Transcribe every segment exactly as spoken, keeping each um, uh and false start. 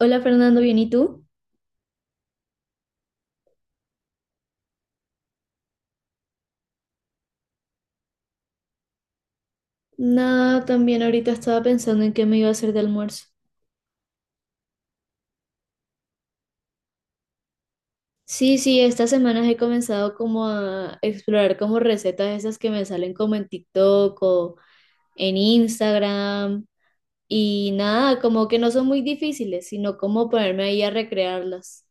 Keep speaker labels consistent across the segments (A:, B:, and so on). A: Hola Fernando, ¿bien y tú? Nada, también ahorita estaba pensando en qué me iba a hacer de almuerzo. Sí, sí, estas semanas he comenzado como a explorar como recetas esas que me salen como en TikTok o en Instagram y nada, como que no son muy difíciles, sino como ponerme ahí a recrearlas.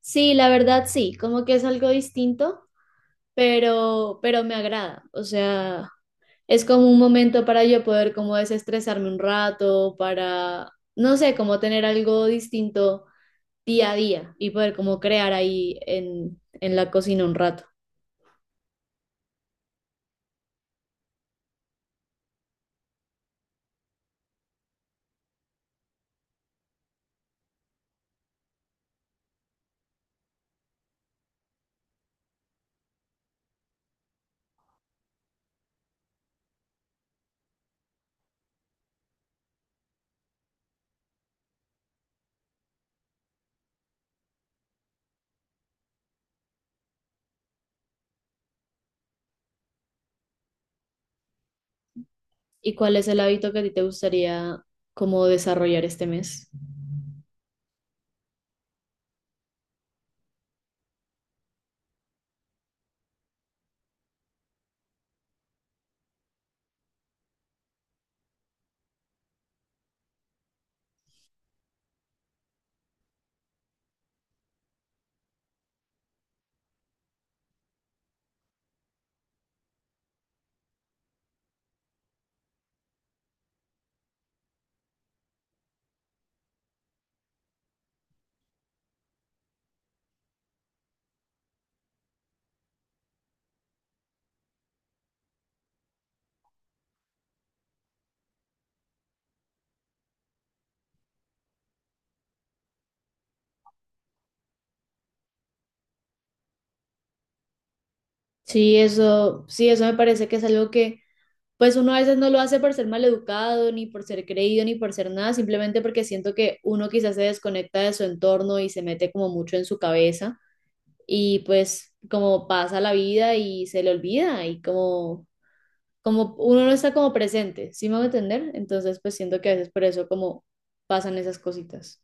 A: Sí, la verdad sí, como que es algo distinto, pero pero me agrada, o sea, es como un momento para yo poder como desestresarme un rato, para, no sé, como tener algo distinto día a día y poder como crear ahí en, en la cocina un rato. ¿Y cuál es el hábito que a ti te gustaría como desarrollar este mes? Sí, eso, sí, eso me parece que es algo que pues uno a veces no lo hace por ser maleducado, ni por ser creído, ni por ser nada, simplemente porque siento que uno quizás se desconecta de su entorno y se mete como mucho en su cabeza y pues como pasa la vida y se le olvida y como, como uno no está como presente, ¿sí me voy a entender? Entonces pues siento que a veces por eso como pasan esas cositas.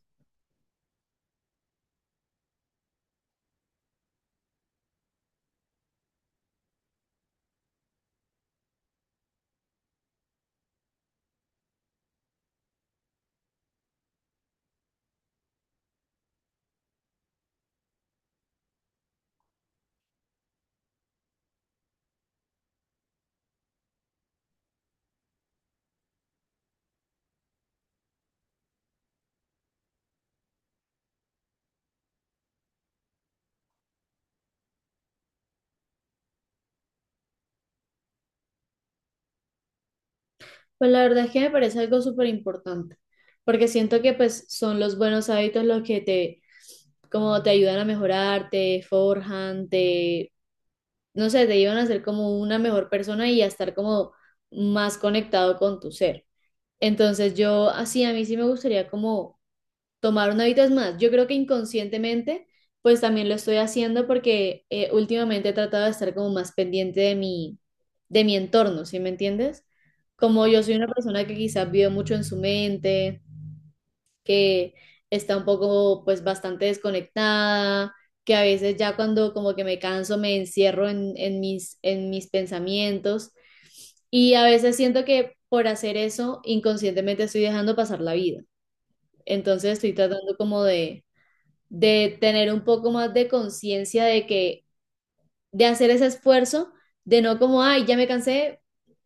A: Pues la verdad es que me parece algo súper importante, porque siento que pues son los buenos hábitos los que te, como te ayudan a mejorar, te forjan, te, no sé, te ayudan a ser como una mejor persona y a estar como más conectado con tu ser. Entonces yo así, a mí sí me gustaría como tomar un hábito más. Yo creo que inconscientemente, pues también lo estoy haciendo porque eh, últimamente he tratado de estar como más pendiente de mi, de mi entorno, ¿sí me entiendes? Como yo soy una persona que quizás vive mucho en su mente, que está un poco, pues bastante desconectada, que a veces ya cuando como que me canso me encierro en, en mis, en mis pensamientos y a veces siento que por hacer eso inconscientemente estoy dejando pasar la vida. Entonces estoy tratando como de, de tener un poco más de conciencia de que, de hacer ese esfuerzo, de no como, ay, ya me cansé,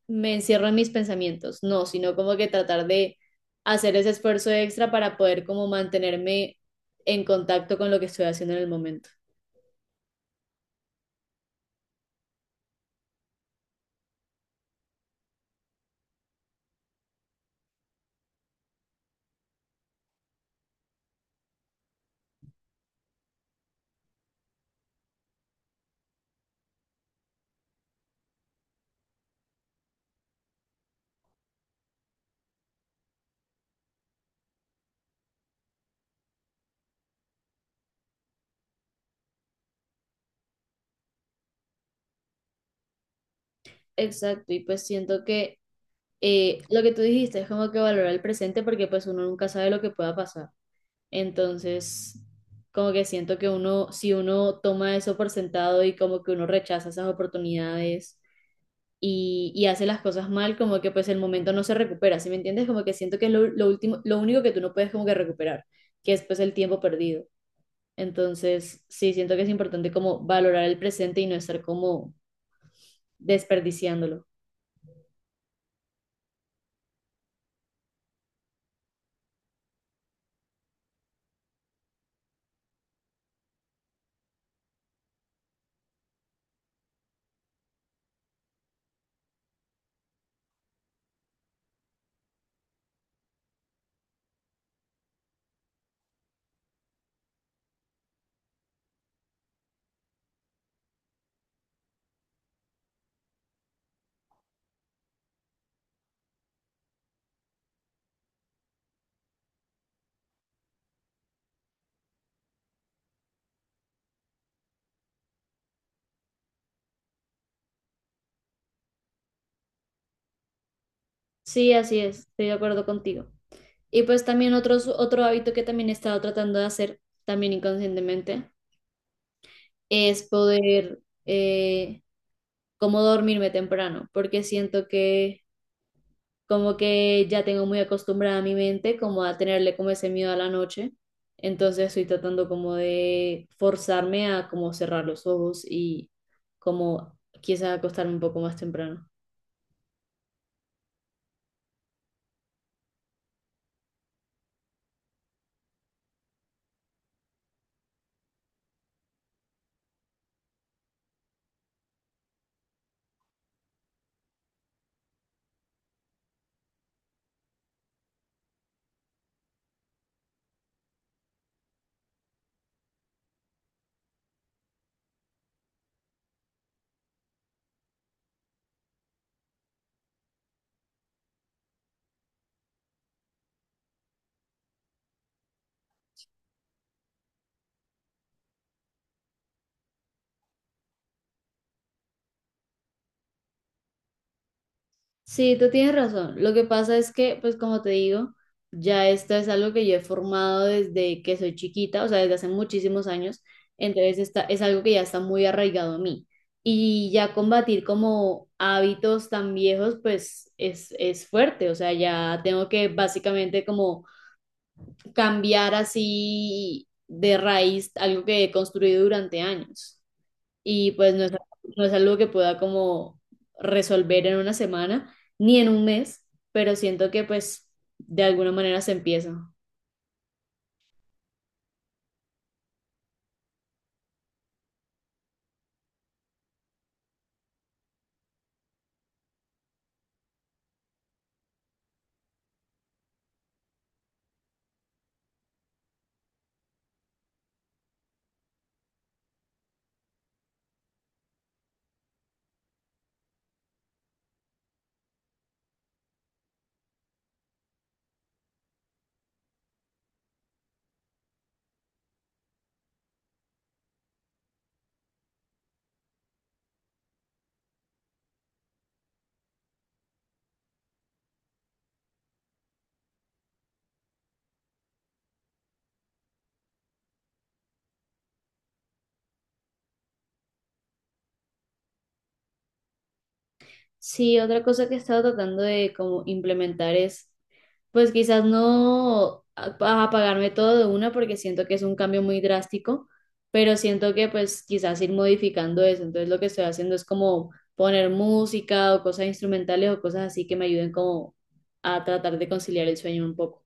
A: me encierro en mis pensamientos, no, sino como que tratar de hacer ese esfuerzo extra para poder como mantenerme en contacto con lo que estoy haciendo en el momento. Exacto, y pues siento que eh, lo que tú dijiste es como que valorar el presente porque pues uno nunca sabe lo que pueda pasar. Entonces, como que siento que uno, si uno toma eso por sentado y como que uno rechaza esas oportunidades y, y hace las cosas mal, como que pues el momento no se recupera, ¿sí me entiendes? Como que siento que es lo, lo último, lo único que tú no puedes como que recuperar, que es pues el tiempo perdido. Entonces, sí, siento que es importante como valorar el presente y no estar como desperdiciándolo. Sí, así es, estoy de acuerdo contigo. Y pues también otros, otro hábito que también he estado tratando de hacer, también inconscientemente, es poder eh, como dormirme temprano, porque siento que como que ya tengo muy acostumbrada mi mente como a tenerle como ese miedo a la noche, entonces estoy tratando como de forzarme a como cerrar los ojos y como quizás acostarme un poco más temprano. Sí, tú tienes razón. Lo que pasa es que, pues como te digo, ya esto es algo que yo he formado desde que soy chiquita, o sea, desde hace muchísimos años. Entonces está, es algo que ya está muy arraigado a mí. Y ya combatir como hábitos tan viejos, pues es, es fuerte. O sea, ya tengo que básicamente como cambiar así de raíz algo que he construido durante años y pues no es, no es algo que pueda como resolver en una semana ni en un mes, pero siento que pues de alguna manera se empieza. Sí, otra cosa que he estado tratando de como implementar es pues quizás no a- apagarme todo de una porque siento que es un cambio muy drástico, pero siento que pues quizás ir modificando eso. Entonces lo que estoy haciendo es como poner música o cosas instrumentales o cosas así que me ayuden como a tratar de conciliar el sueño un poco.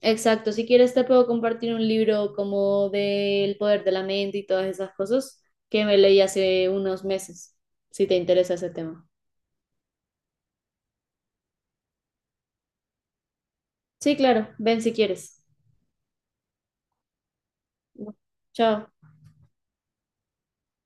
A: Exacto, si quieres te puedo compartir un libro como del poder de la mente y todas esas cosas que me leí hace unos meses, si te interesa ese tema. Sí, claro, ven si quieres. Bueno, chao.